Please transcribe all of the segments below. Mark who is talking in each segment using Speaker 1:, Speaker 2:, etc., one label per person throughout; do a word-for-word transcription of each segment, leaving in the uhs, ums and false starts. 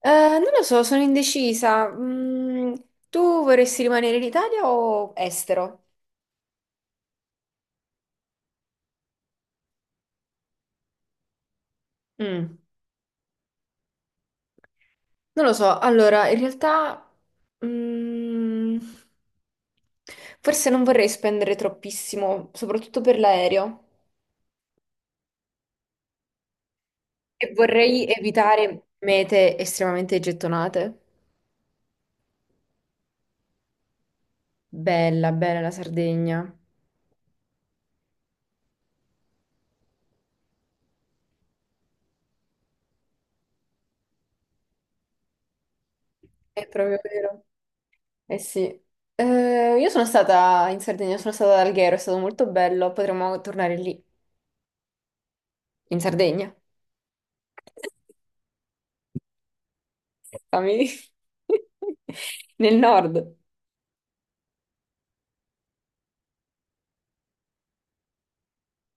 Speaker 1: Eh, non lo so, sono indecisa. Mm, tu vorresti rimanere in Italia o estero? Mm. Non lo so. Allora, in realtà, mm, forse non vorrei spendere troppissimo, soprattutto per l'aereo. E vorrei evitare mete estremamente gettonate. Bella, bella la Sardegna. È proprio vero. Eh sì. Eh, io sono stata in Sardegna, sono stata ad Alghero, è stato molto bello. Potremmo tornare lì, in Sardegna. Stavi- Nel nord,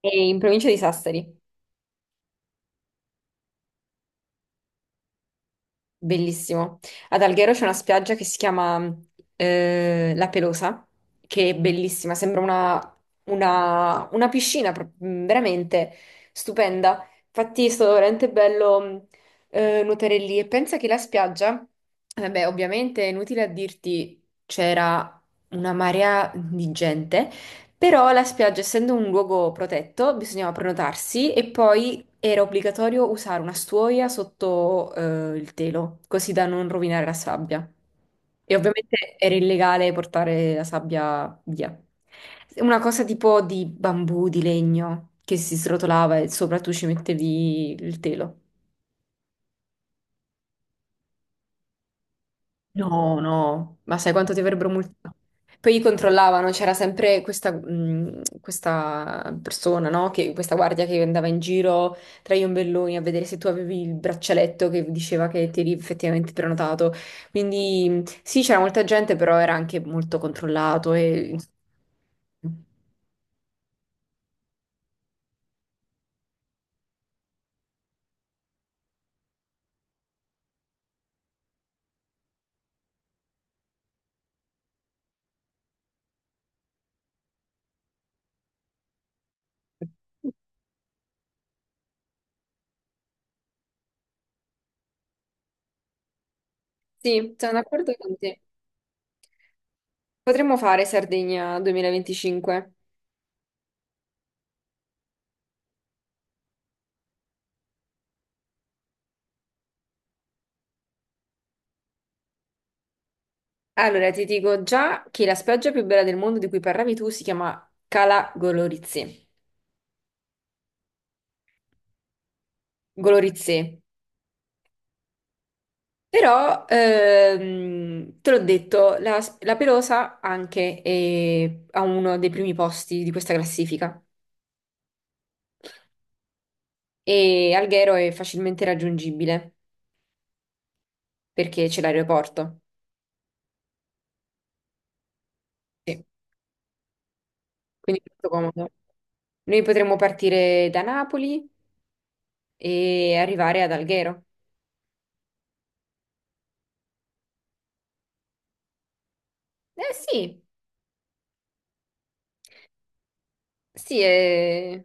Speaker 1: e in provincia di Sassari. Bellissimo. Ad Alghero c'è una spiaggia che si chiama eh, La Pelosa, che è bellissima, sembra una, una- una piscina pro- mh, veramente stupenda. Infatti è stato veramente bello mh, eh, nuotare lì e pensa che la spiaggia, vabbè, ovviamente è inutile a dirti, c'era una marea di gente, però la spiaggia, essendo un luogo protetto, bisognava prenotarsi e poi era obbligatorio usare una stuoia sotto eh, il telo, così da non rovinare la sabbia. E ovviamente era illegale portare la sabbia via. Una cosa tipo di bambù, di legno, che si srotolava e sopra tu ci mettevi il telo. No, no, ma sai quanto ti avrebbero multato? Poi controllavano, c'era sempre questa, mh, questa persona, no? Che- questa guardia che andava in giro tra gli ombelloni a vedere se tu avevi il braccialetto che diceva che ti eri effettivamente prenotato. Quindi mh, sì, c'era molta gente, però era anche molto controllato e... Sì, sono d'accordo con te. Potremmo fare Sardegna duemilaventicinque. Allora, ti dico già che la spiaggia più bella del mondo di cui parlavi tu si chiama Cala Golorizze. Golorizze. Però, ehm, te l'ho detto, la, la Pelosa anche è a uno dei primi posti di questa classifica e Alghero è facilmente raggiungibile perché c'è l'aeroporto. Sì. Quindi è molto comodo. Noi potremmo partire da Napoli e arrivare ad Alghero. Eh sì, sì, è...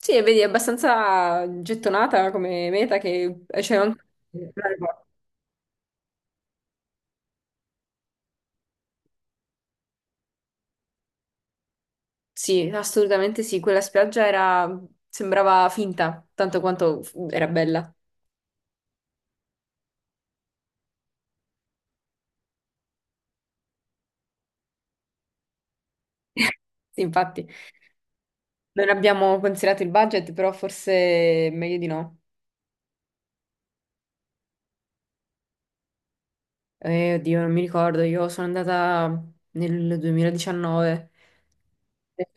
Speaker 1: Sì, e vedi, è abbastanza gettonata come meta che eh, c'è anche... Sì, assolutamente sì, quella spiaggia era... sembrava finta, tanto quanto f- era bella. Sì, infatti, non abbiamo considerato il budget, però forse è meglio di no. Eh, oddio, non mi ricordo, io sono andata nel duemiladiciannove.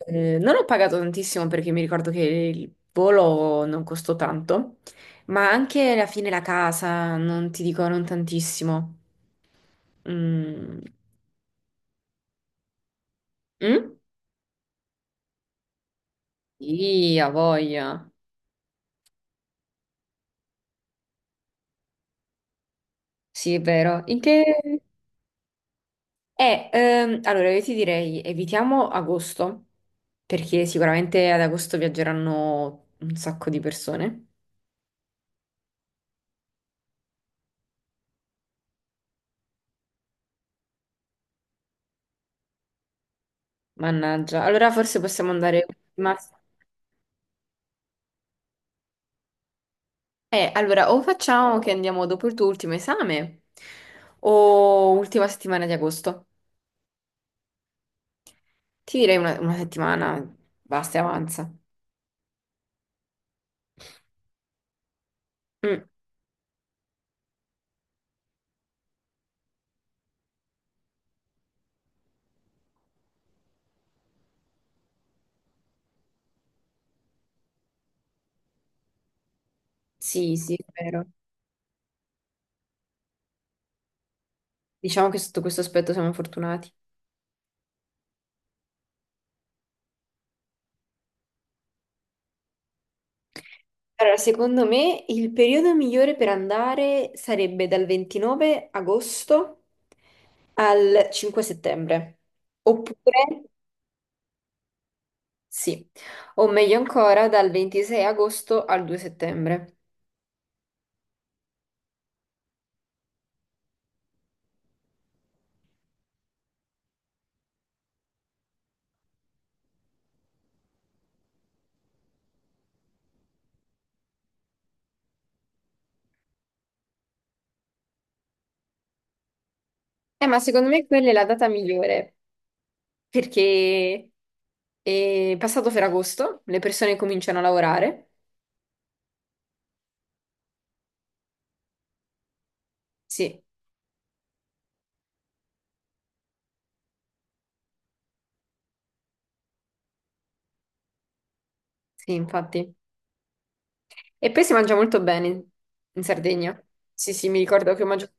Speaker 1: Eh, non ho pagato tantissimo perché mi ricordo che il volo non costò tanto, ma anche alla fine la casa, non ti dico, non tantissimo. Mm? Mm? Sì, ha voglia. Sì, è vero. In che... Eh, ehm, allora io ti direi evitiamo agosto, perché sicuramente ad agosto viaggeranno un sacco di persone. Mannaggia. Allora forse possiamo andare... Ma... Eh, allora o facciamo che andiamo dopo il tuo ultimo esame o ultima settimana di agosto. Ti direi una, una settimana, basta e avanza. Mm. Sì, sì, è vero. Diciamo che sotto questo aspetto siamo fortunati. Allora, secondo me il periodo migliore per andare sarebbe dal ventinove agosto al cinque settembre, oppure sì, o meglio ancora dal ventisei agosto al due settembre. Eh, ma secondo me quella è la data migliore perché è passato Ferragosto, le persone cominciano a lavorare. Sì, sì, infatti. E poi si mangia molto bene in Sardegna. Sì, sì, mi ricordo che ho mangiato.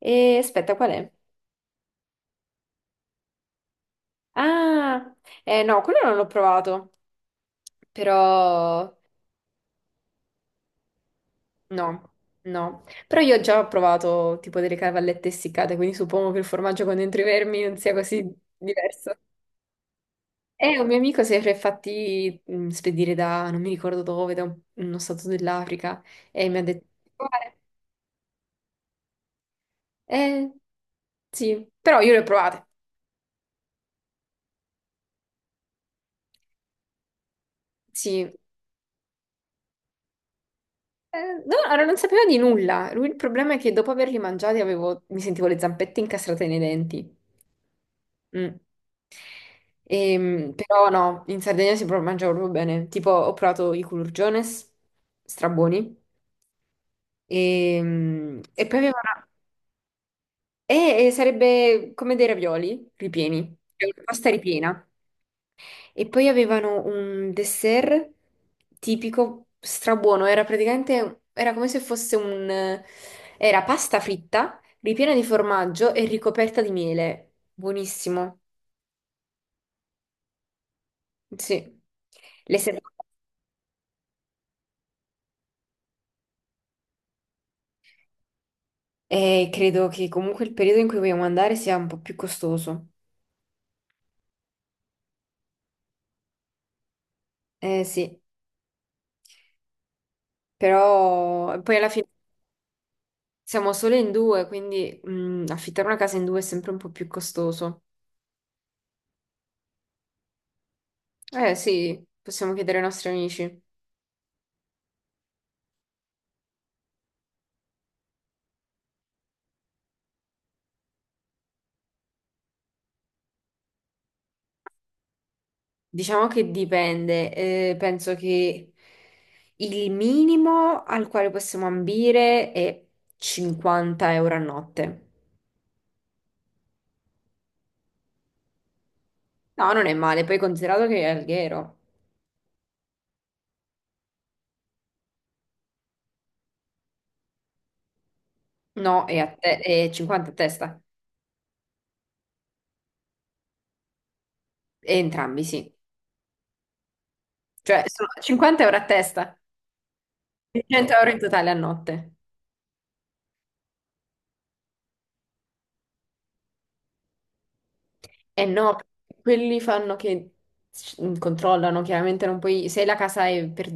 Speaker 1: E aspetta, qual è? Ah, eh, no, quello non l'ho provato, però no, no. Però io ho già provato tipo delle cavallette essiccate, quindi suppongo che il formaggio con dentro i vermi non sia così diverso. E un mio amico si era fatti mh, spedire da, non mi ricordo dove, da un- uno stato dell'Africa, e mi ha detto, "Di provare?" Eh, sì, però io le ho provate, sì. Eh, no, allora non sapevo di nulla. Lui- il problema è che dopo averli mangiati avevo- mi sentivo le zampette incastrate nei denti. Mm. Ehm, però no, in Sardegna si pro- mangia proprio bene. Tipo, ho provato i culurgiones, strabuoni. Ehm, E, poi aveva una- e- e sarebbe come dei ravioli ripieni, cioè una pasta ripiena. E poi avevano un dessert tipico strabuono, era praticamente, era come se fosse un... Era pasta fritta, ripiena di formaggio e ricoperta di miele. Buonissimo, sì. Le serrate. E credo che comunque il periodo in cui vogliamo andare sia un po' più costoso. Eh sì, però poi alla fine siamo solo in due, quindi mm, affittare una casa in due è sempre un po' più costoso. Eh sì, possiamo chiedere ai nostri amici. Diciamo che dipende, eh, penso che il minimo al quale possiamo ambire è cinquanta euro a notte. No, non è male, poi considerato che è Alghero. No, è, a te- è cinquanta a testa. E entrambi, sì. Cioè, sono cinquanta euro a testa, cento euro in totale a notte. E no, quelli fanno che controllano, chiaramente non puoi, se la casa è per...